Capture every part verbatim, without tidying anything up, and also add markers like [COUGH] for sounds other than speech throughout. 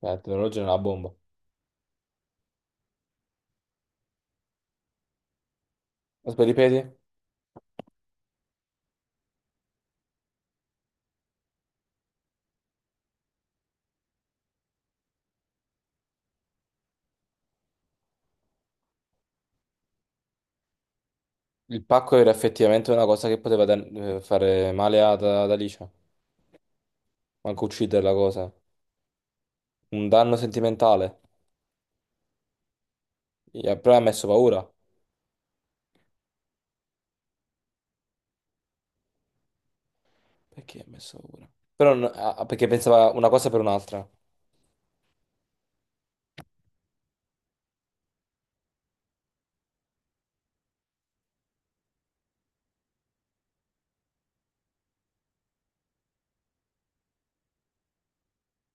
Eh, l'orologio è una bomba. Aspetta, ripeti? Il pacco era effettivamente una cosa che poteva dan- eh, fare male ad, ad Alicia. Manco ucciderla cosa. Un danno sentimentale. E- Però ha messo paura. Perché ha messo paura? Però non- ah, ah, Perché pensava una cosa per un'altra.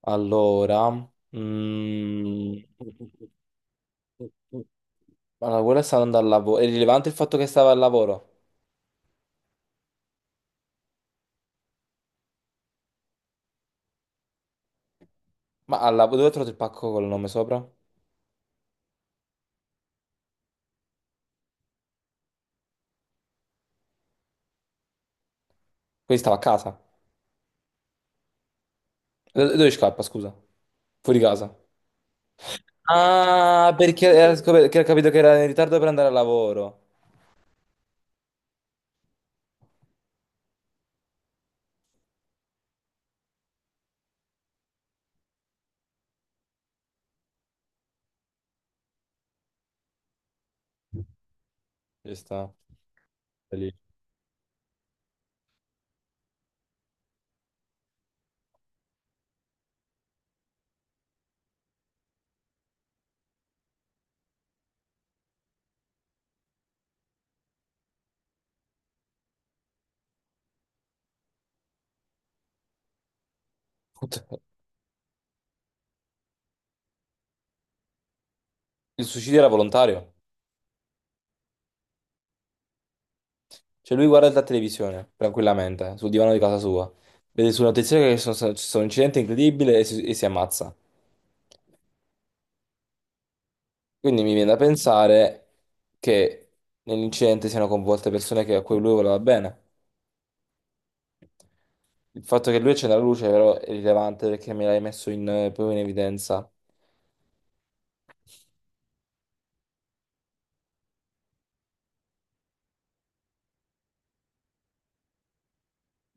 Allora... mm, [LAUGHS] Allora, quella stava andando al lavoro. È rilevante il fatto che stava al lavoro. Ma al lavoro dove ha trovato il pacco col nome sopra? Quindi stava a casa. Eh, Dove scappa, scusa? Fuori casa. Ah, perché era scop- che ho capito che era in ritardo per andare a lavoro. Ci sta. È lì. Putt- Il suicidio era volontario. Cioè lui guarda la televisione, tranquillamente, sul divano di casa sua. Vede sul notiziario che sono- ci sono un incidente incredibile e si, e si ammazza. Quindi mi viene da pensare che nell'incidente siano coinvolte persone che- a cui lui voleva bene. Il fatto che lui accenda la luce però è rilevante perché me l'hai messo in, proprio in evidenza.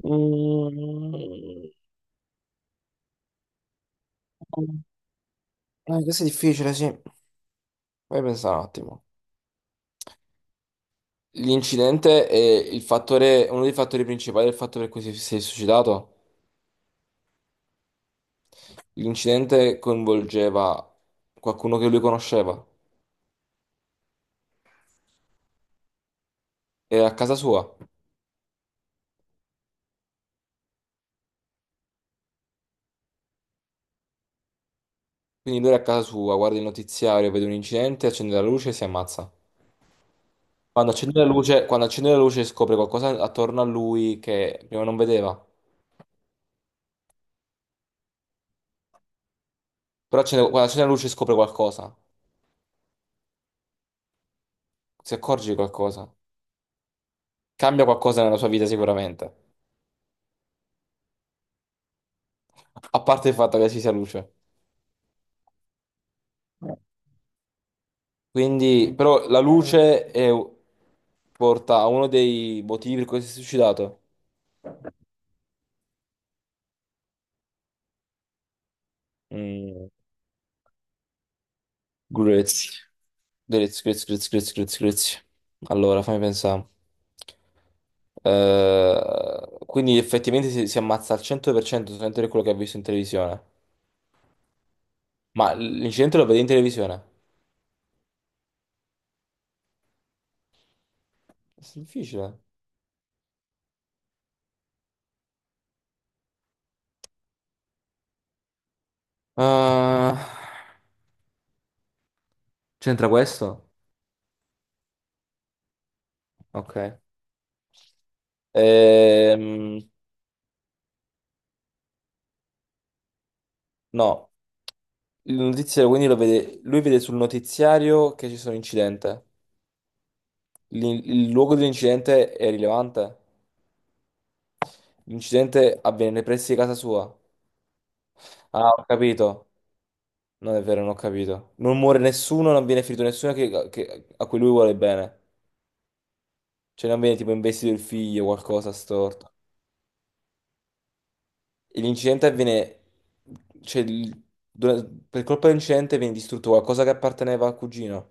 Mm. Eh, questo è difficile, sì. Vai a pensare un attimo. L'incidente è il fattore, uno dei fattori principali del fatto per cui si, si è suicidato. L'incidente coinvolgeva qualcuno che lui conosceva. Era a casa sua. Quindi lui era a casa sua, guarda il notiziario, vede un incidente, accende la luce e si ammazza. Quando accende la luce, quando accende la luce scopre qualcosa attorno a lui che prima non vedeva. Però accende- quando accende la luce scopre qualcosa. Si accorge di qualcosa. Cambia qualcosa nella sua vita sicuramente. A parte il fatto che ci sia luce. Quindi, però la luce è- porta a uno dei motivi per cui si è suicidato. Mm, grazie. Grazie, grazie, grazie, grazie, grazie, grazie. Allora, fammi pensare. Eh, quindi effettivamente si, si ammazza al cento per cento solamente per quello che ha visto in televisione. Ma l'incidente lo vede in televisione? È difficile. Eh, c'entra questo? Ok. Ehm, no, il notiziario quindi lo vede, lui vede sul notiziario che ci sono incidente. L'in- Il, luogo dell'incidente è rilevante. L'incidente avviene nei pressi di casa sua. Ah, ho capito. Non è vero, non ho capito. Non muore nessuno, non viene ferito nessuno che- che- a cui lui vuole bene. Cioè non viene tipo investito il figlio, qualcosa storto. E l'incidente avviene... Cioè, il- dura- per colpa dell'incidente viene distrutto qualcosa che apparteneva al cugino.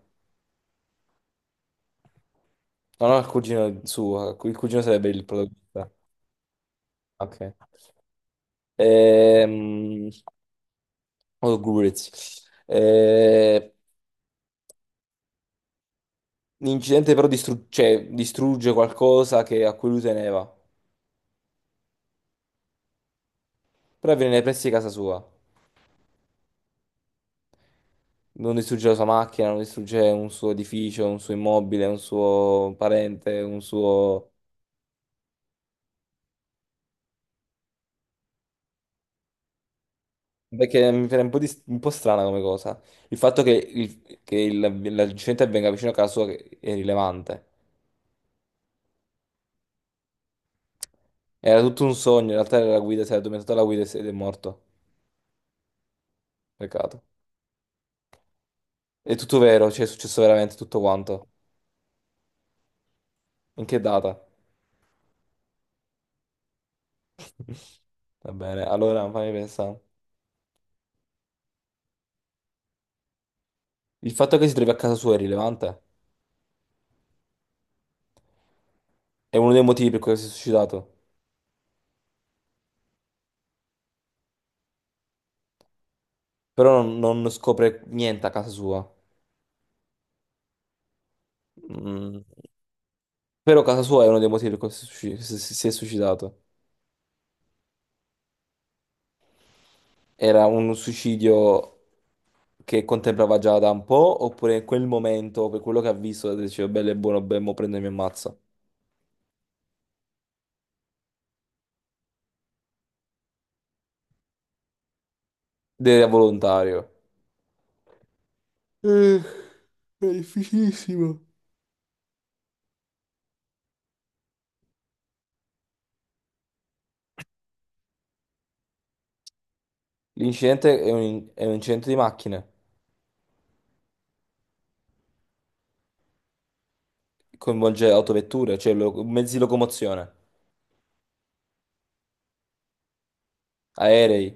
No, non al cugino suo, il cugino sarebbe il protagonista. Ok. Ehm, oh, Goodreads. Eh, l'incidente però distru- cioè, distrugge qualcosa che- a cui lui teneva. Però avviene nei pressi di casa sua. Non distrugge la sua macchina, non distrugge un suo edificio, un suo immobile, un suo parente, un suo... Perché mi pare un po', di- un po' strana come cosa. Il fatto che il- che il- l'incidente avvenga vicino a casa sua che- è rilevante. Era tutto un sogno, in realtà era la guida, si era addormentato alla guida e si- ed è morto. Peccato. È tutto vero, cioè è successo veramente tutto quanto. In che data? [LAUGHS] Va bene, allora fammi pensare. Il fatto che si trovi a casa sua è rilevante? È uno dei motivi per cui si è suicidato. Però non, non scopre niente a casa sua. Mm. Però casa sua è uno dei motivi per cui si è suici- si- si- si è suicidato. Era un suicidio che contemplava già da un po', oppure in quel momento, per quello che ha visto, diceva bello e buono, beh, mo prendo e mi ammazza. Ed era volontario. Eh, è difficilissimo. L'incidente è un, è un incidente di macchine, coinvolge autovetture, cioè lo- mezzi di locomozione, aerei,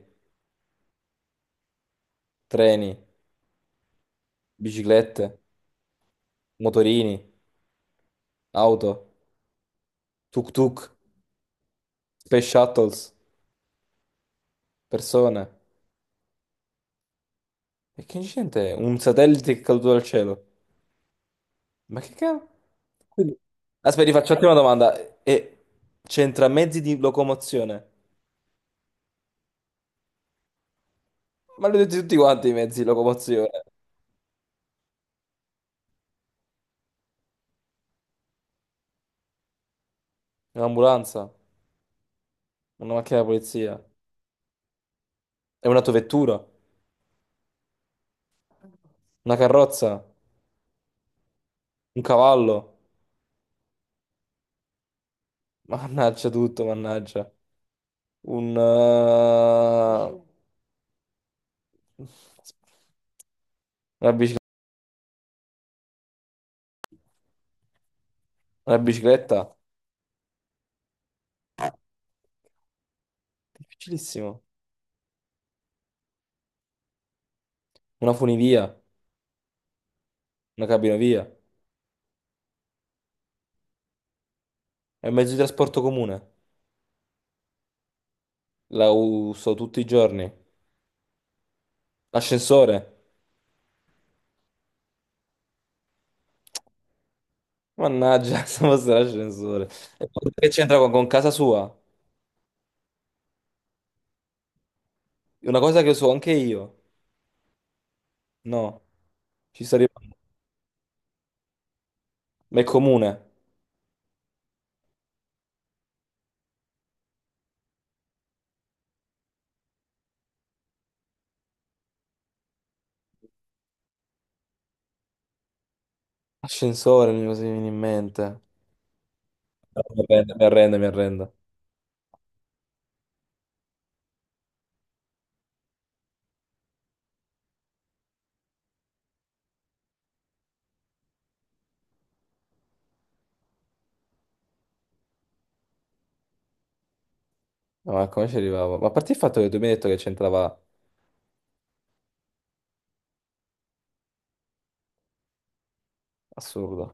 treni, biciclette, motorini, auto, tuk-tuk, space shuttles, persone. E che incidente è? Un satellite che è caduto dal cielo. Ma che cavolo? Quindi- Aspetta, facciate una domanda. E c'entra mezzi di locomozione? Ma li ho detti tutti quanti i mezzi di locomozione. Un'ambulanza, una macchina da polizia, è un'autovettura, una carrozza. Un cavallo? [LAUGHS] Mannaggia tutto, mannaggia. Un... eh, Una bicicletta? Una bicicletta? Difficilissimo. Una funivia? Una cabinovia? È un mezzo di trasporto comune. La uso tutti i giorni. L'ascensore? Mannaggia, [LAUGHS] se fosse l'ascensore. E poi che c'entra con, con casa sua? Una cosa che so anche io. No, ci sto arrivando. Ma è comune. Ascensore, mi mi viene in mente. No, mi arrendo, mi arrendo, mi arrendo. No, ma come ci arrivavo? Ma a parte il fatto che tu mi hai detto che c'entrava assurdo.